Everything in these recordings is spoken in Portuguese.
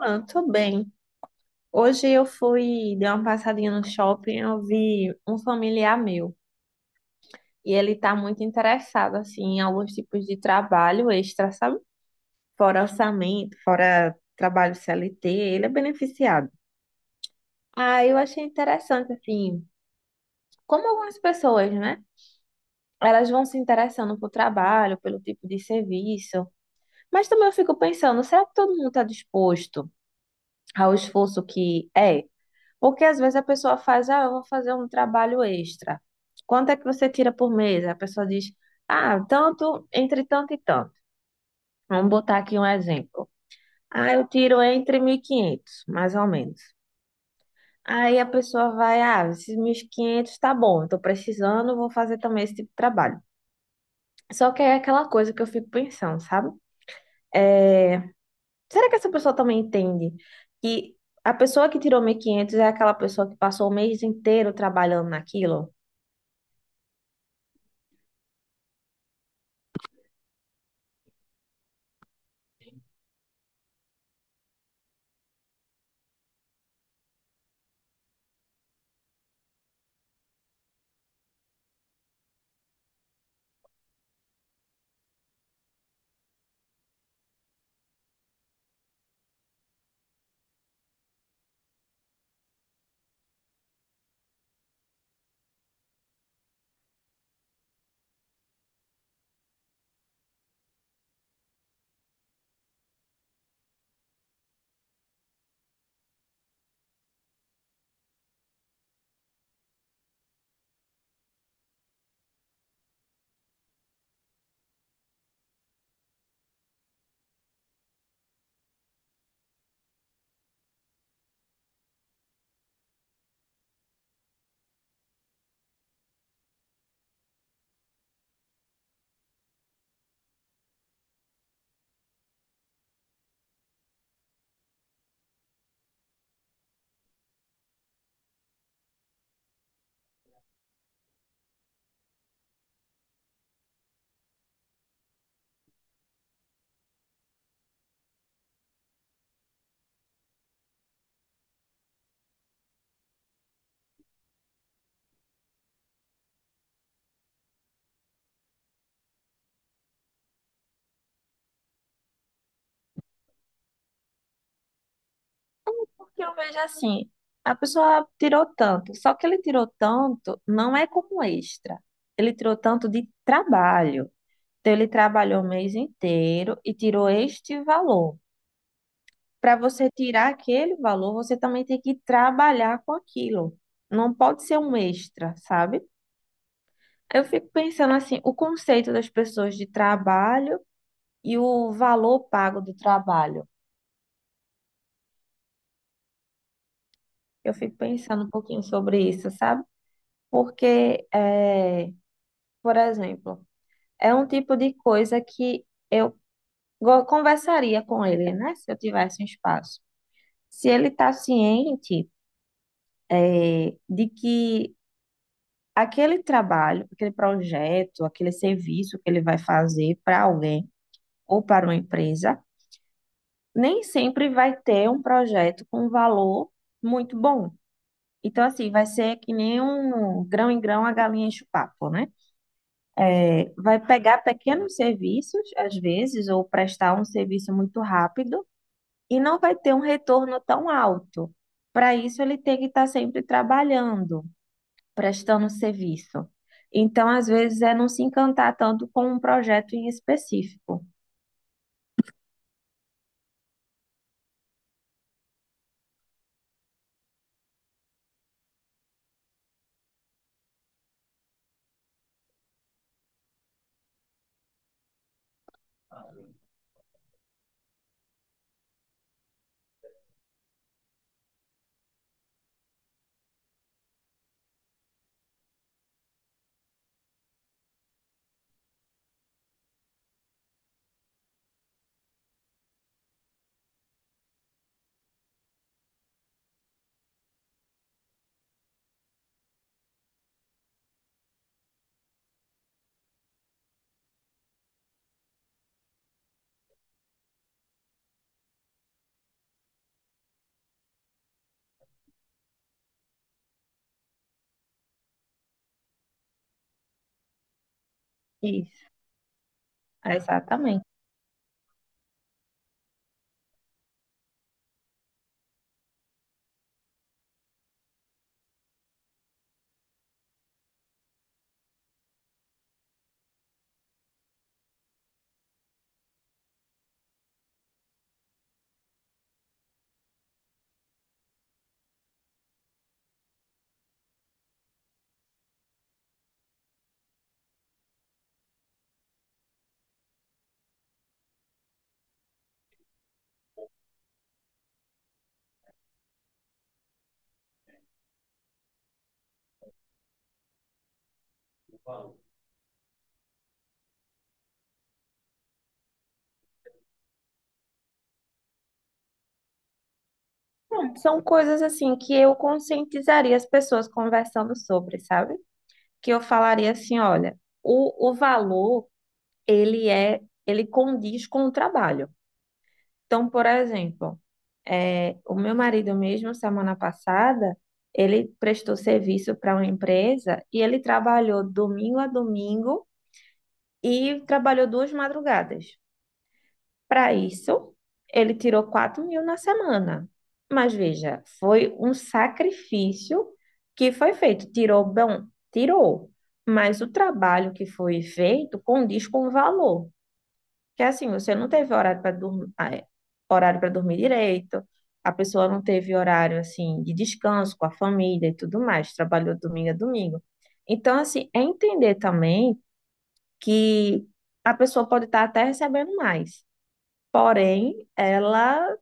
Ah, tô bem. Hoje eu fui, dei uma passadinha no shopping, eu vi um familiar meu e ele tá muito interessado assim em alguns tipos de trabalho extra, sabe? Fora orçamento, fora trabalho CLT, ele é beneficiado. Ah, eu achei interessante assim, como algumas pessoas, né? Elas vão se interessando por trabalho, pelo tipo de serviço, mas também eu fico pensando, será que todo mundo está disposto ao esforço que é? Porque às vezes a pessoa faz, ah, eu vou fazer um trabalho extra. Quanto é que você tira por mês? A pessoa diz, ah, tanto, entre tanto e tanto. Vamos botar aqui um exemplo. Ah, eu tiro entre 1.500 mais ou menos. Aí a pessoa vai, ah, esses 1.500 tá bom, eu tô precisando, vou fazer também esse tipo de trabalho. Só que é aquela coisa que eu fico pensando, sabe? É, Será que essa pessoa também entende que a pessoa que tirou 1.500 é aquela pessoa que passou o mês inteiro trabalhando naquilo? Que eu vejo assim, a pessoa tirou tanto, só que ele tirou tanto não é como extra. Ele tirou tanto de trabalho. Então ele trabalhou o mês inteiro e tirou este valor. Para você tirar aquele valor, você também tem que trabalhar com aquilo. Não pode ser um extra, sabe? Eu fico pensando assim, o conceito das pessoas de trabalho e o valor pago do trabalho. Eu fico pensando um pouquinho sobre isso, sabe? Porque é, por exemplo, é um tipo de coisa que eu conversaria com ele, né? Se eu tivesse um espaço. Se ele está ciente, de que aquele trabalho, aquele projeto, aquele serviço que ele vai fazer para alguém ou para uma empresa, nem sempre vai ter um projeto com um valor muito bom. Então, assim, vai ser que nem um grão em grão a galinha enche o papo, né? Vai pegar pequenos serviços, às vezes, ou prestar um serviço muito rápido e não vai ter um retorno tão alto. Para isso, ele tem que estar sempre trabalhando, prestando serviço. Então, às vezes, é não se encantar tanto com um projeto em específico. Isso, exatamente. Bom, são coisas assim que eu conscientizaria as pessoas conversando sobre, sabe? Que eu falaria assim, olha, o valor, ele condiz com o trabalho. Então, por exemplo, é, o meu marido mesmo, semana passada, ele prestou serviço para uma empresa e ele trabalhou domingo a domingo e trabalhou duas madrugadas. Para isso, ele tirou 4.000 na semana. Mas veja, foi um sacrifício que foi feito. Tirou, bom, tirou. Mas o trabalho que foi feito condiz com o valor. Que é assim, você não teve horário para dormir direito, a pessoa não teve horário assim de descanso com a família e tudo mais, trabalhou domingo a domingo. Então, assim, é entender também que a pessoa pode estar até recebendo mais, porém, ela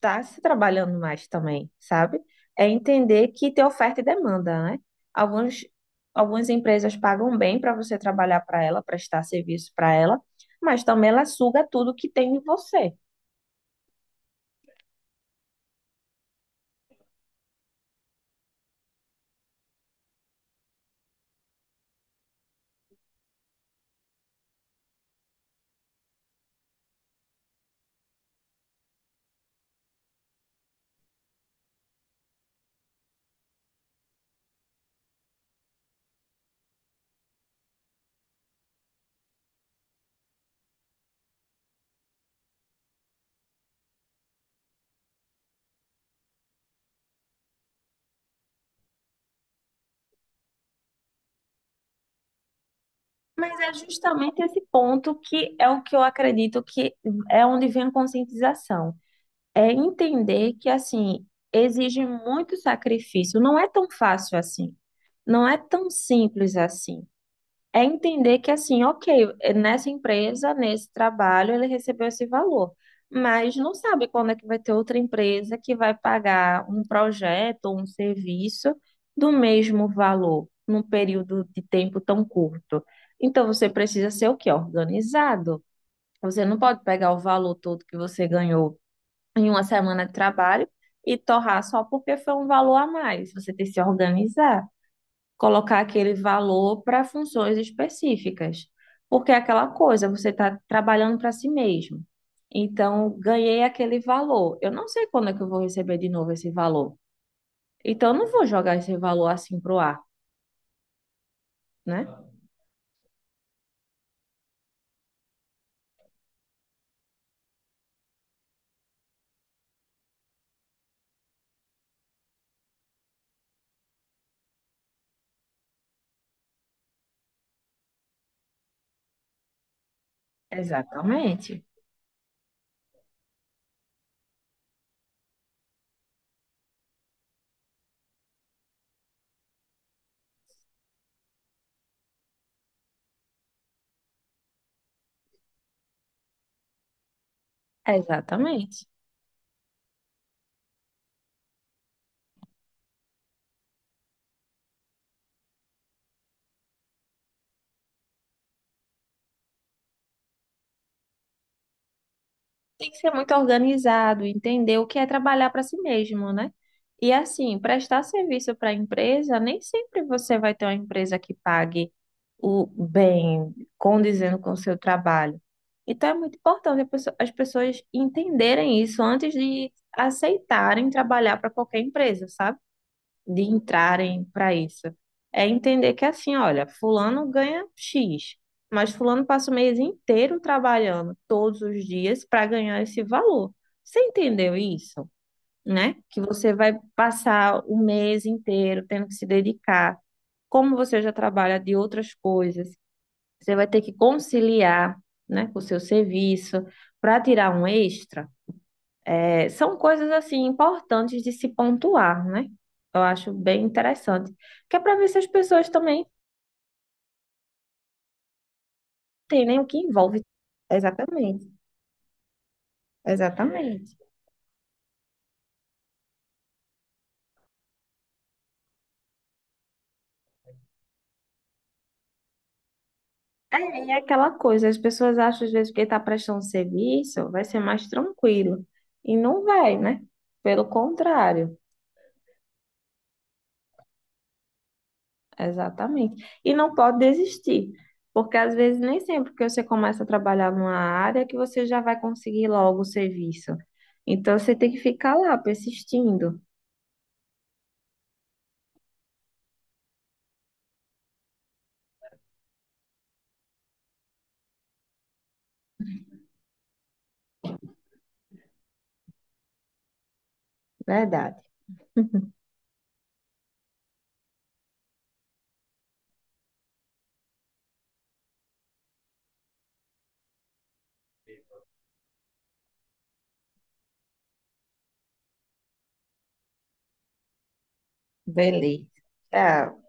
tá se trabalhando mais também, sabe? É entender que tem oferta e demanda, né? Alguns, algumas empresas pagam bem para você trabalhar para ela, prestar serviço para ela, mas também ela suga tudo que tem em você. Mas é justamente esse ponto que é o que eu acredito que é onde vem a conscientização. É entender que, assim, exige muito sacrifício. Não é tão fácil assim. Não é tão simples assim. É entender que, assim, ok, nessa empresa, nesse trabalho, ele recebeu esse valor, mas não sabe quando é que vai ter outra empresa que vai pagar um projeto ou um serviço do mesmo valor, num período de tempo tão curto. Então, você precisa ser o quê? Organizado. Você não pode pegar o valor todo que você ganhou em uma semana de trabalho e torrar só porque foi um valor a mais. Você tem que se organizar colocar aquele valor para funções específicas. Porque é aquela coisa, você está trabalhando para si mesmo. Então, ganhei aquele valor. Eu não sei quando é que eu vou receber de novo esse valor. Então, eu não vou jogar esse valor assim pro ar, né? Exatamente. Exatamente. Tem que ser muito organizado, entender o que é trabalhar para si mesmo, né? E assim, prestar serviço para a empresa, nem sempre você vai ter uma empresa que pague o bem, condizendo com o seu trabalho. Então é muito importante as pessoas entenderem isso antes de aceitarem trabalhar para qualquer empresa, sabe? De entrarem para isso. É entender que assim, olha, fulano ganha X, mas fulano passa o mês inteiro trabalhando todos os dias para ganhar esse valor. Você entendeu isso, né? Que você vai passar o mês inteiro tendo que se dedicar. Como você já trabalha de outras coisas, você vai ter que conciliar, né, com o seu serviço para tirar um extra. É, são coisas assim importantes de se pontuar, né? Eu acho bem interessante. Que é para ver se as pessoas também entendem o que envolve. Exatamente, exatamente. É, e é aquela coisa, as pessoas acham às vezes que está prestando serviço vai ser mais tranquilo. E não vai, né? Pelo contrário, exatamente. E não pode desistir, porque às vezes nem sempre que você começa a trabalhar numa área que você já vai conseguir logo o serviço. Então você tem que ficar lá persistindo. Verdade. Beleza. Tchau.